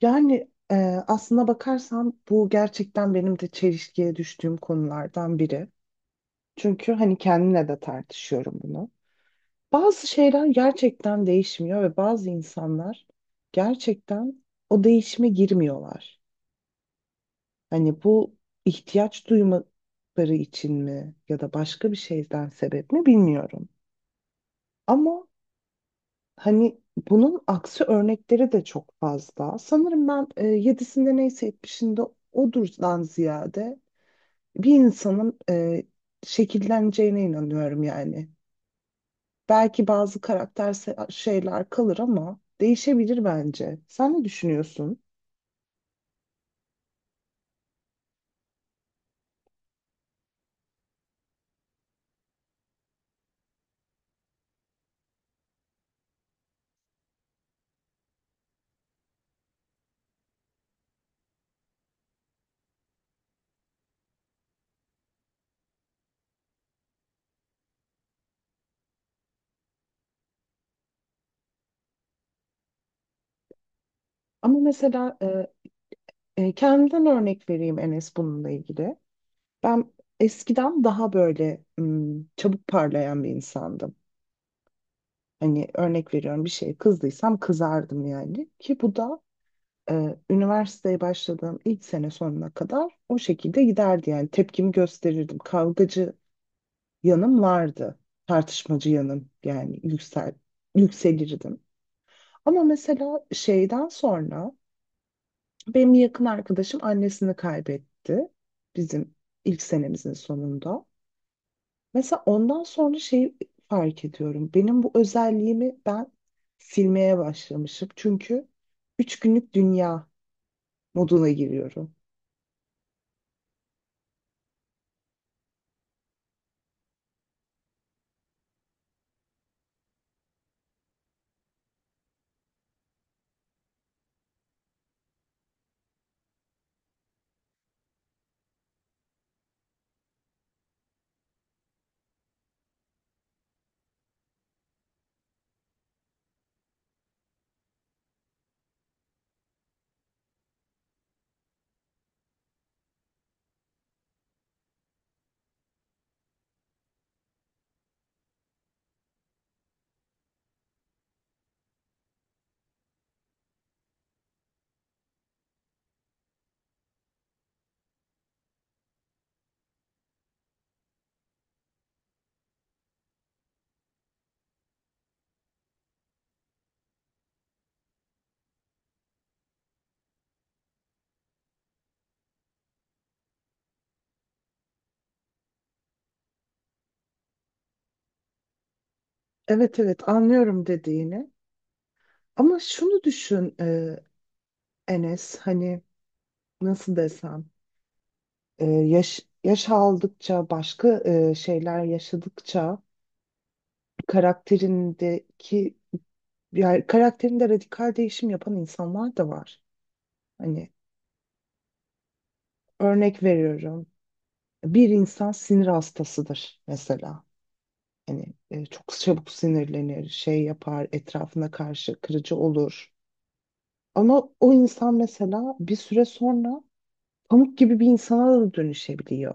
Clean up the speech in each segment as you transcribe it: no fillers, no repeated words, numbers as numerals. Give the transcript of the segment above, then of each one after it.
Yani aslına bakarsan bu gerçekten benim de çelişkiye düştüğüm konulardan biri. Çünkü hani kendimle de tartışıyorum bunu. Bazı şeyler gerçekten değişmiyor ve bazı insanlar gerçekten o değişime girmiyorlar. Hani bu ihtiyaç duymaları için mi ya da başka bir şeyden sebep mi bilmiyorum. Ama hani bunun aksi örnekleri de çok fazla. Sanırım ben yedisinde neyse etmişinde odurdan ziyade bir insanın şekilleneceğine inanıyorum yani. Belki bazı karakter şeyler kalır ama değişebilir bence. Sen ne düşünüyorsun? Ama mesela kendimden örnek vereyim Enes bununla ilgili. Ben eskiden daha böyle çabuk parlayan bir insandım. Hani örnek veriyorum bir şeye kızdıysam kızardım yani. Ki bu da üniversiteye başladığım ilk sene sonuna kadar o şekilde giderdi yani tepkimi gösterirdim. Kavgacı yanım vardı. Tartışmacı yanım yani yükselirdim. Ama mesela şeyden sonra benim yakın arkadaşım annesini kaybetti bizim ilk senemizin sonunda. Mesela ondan sonra şeyi fark ediyorum. Benim bu özelliğimi ben silmeye başlamışım. Çünkü üç günlük dünya moduna giriyorum. Evet, evet, anlıyorum dediğini. Ama şunu düşün Enes hani nasıl desem. Yaş aldıkça başka şeyler yaşadıkça karakterindeki yani karakterinde radikal değişim yapan insanlar da var. Hani örnek veriyorum. Bir insan sinir hastasıdır mesela. Hani çok çabuk sinirlenir, şey yapar, etrafına karşı kırıcı olur. Ama o insan mesela bir süre sonra pamuk gibi bir insana da dönüşebiliyor.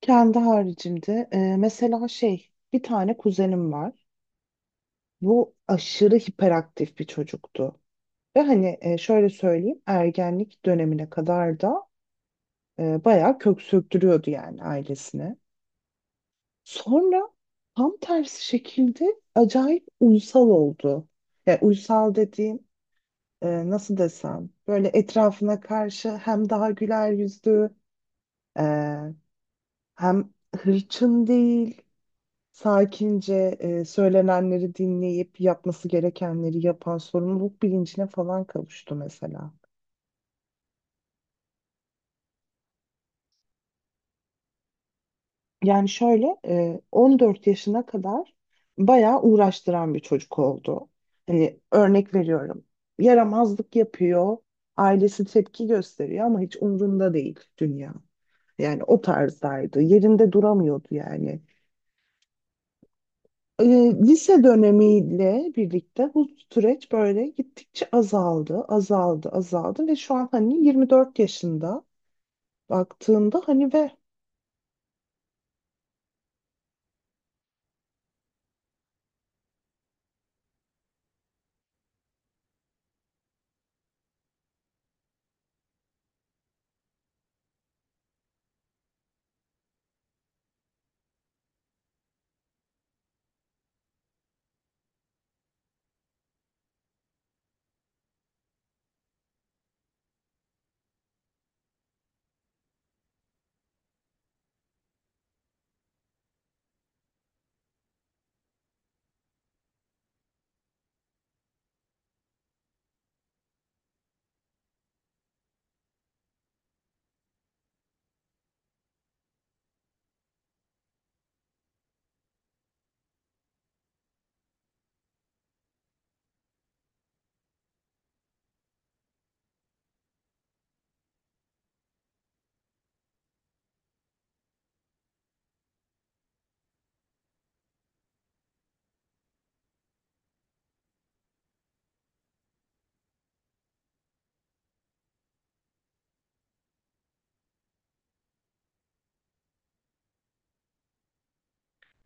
Kendi haricimde mesela şey bir tane kuzenim var. Bu aşırı hiperaktif bir çocuktu. Ve hani şöyle söyleyeyim ergenlik dönemine kadar da bayağı kök söktürüyordu yani ailesine. Sonra tam tersi şekilde acayip uysal oldu. Yani uysal dediğim nasıl desem böyle etrafına karşı hem daha güler yüzlü e, hem hırçın değil sakince söylenenleri dinleyip yapması gerekenleri yapan sorumluluk bilincine falan kavuştu mesela. Yani şöyle 14 yaşına kadar bayağı uğraştıran bir çocuk oldu. Hani örnek veriyorum. Yaramazlık yapıyor, ailesi tepki gösteriyor ama hiç umrunda değil dünya. Yani o tarzdaydı. Yerinde duramıyordu yani. E, lise dönemiyle birlikte bu süreç böyle gittikçe azaldı, azaldı, azaldı ve şu an hani 24 yaşında baktığında hani ve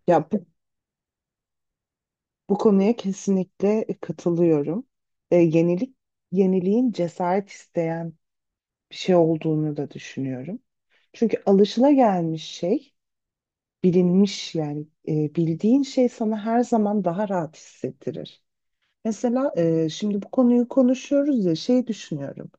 ya bu Bu konuya kesinlikle katılıyorum. E, yenilik, yeniliğin cesaret isteyen bir şey olduğunu da düşünüyorum. Çünkü bilinmiş yani bildiğin şey sana her zaman daha rahat hissettirir. Mesela şimdi bu konuyu konuşuyoruz ya şey düşünüyorum.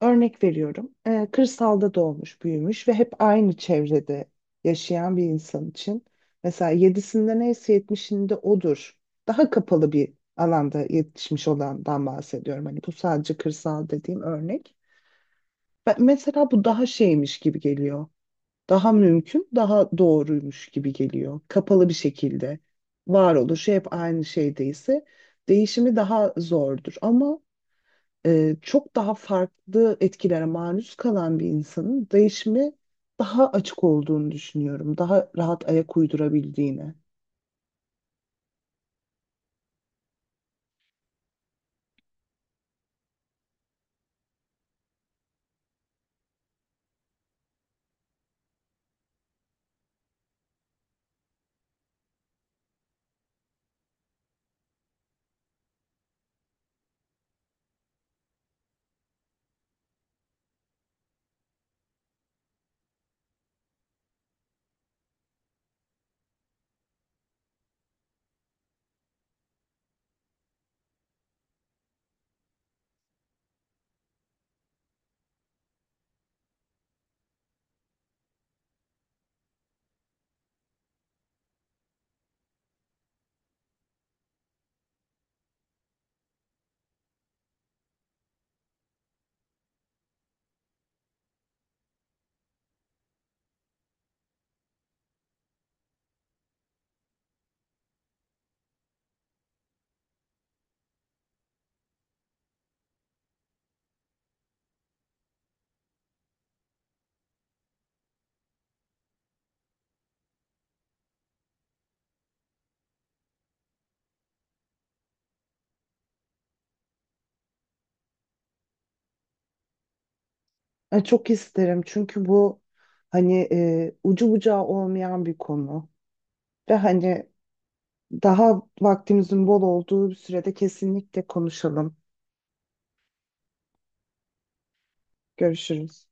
Örnek veriyorum. Kırsalda doğmuş, büyümüş ve hep aynı çevrede yaşayan bir insan için mesela yedisinde neyse yetmişinde odur. Daha kapalı bir alanda yetişmiş olandan bahsediyorum. Hani bu sadece kırsal dediğim örnek. Mesela bu daha şeymiş gibi geliyor. Daha mümkün, daha doğruymuş gibi geliyor. Kapalı bir şekilde varoluşu hep aynı şeydeyse değişimi daha zordur. Ama çok daha farklı etkilere maruz kalan bir insanın değişime daha açık olduğunu düşünüyorum. Daha rahat ayak uydurabildiğini. Yani çok isterim çünkü bu hani ucu bucağı olmayan bir konu ve hani daha vaktimizin bol olduğu bir sürede kesinlikle konuşalım. Görüşürüz.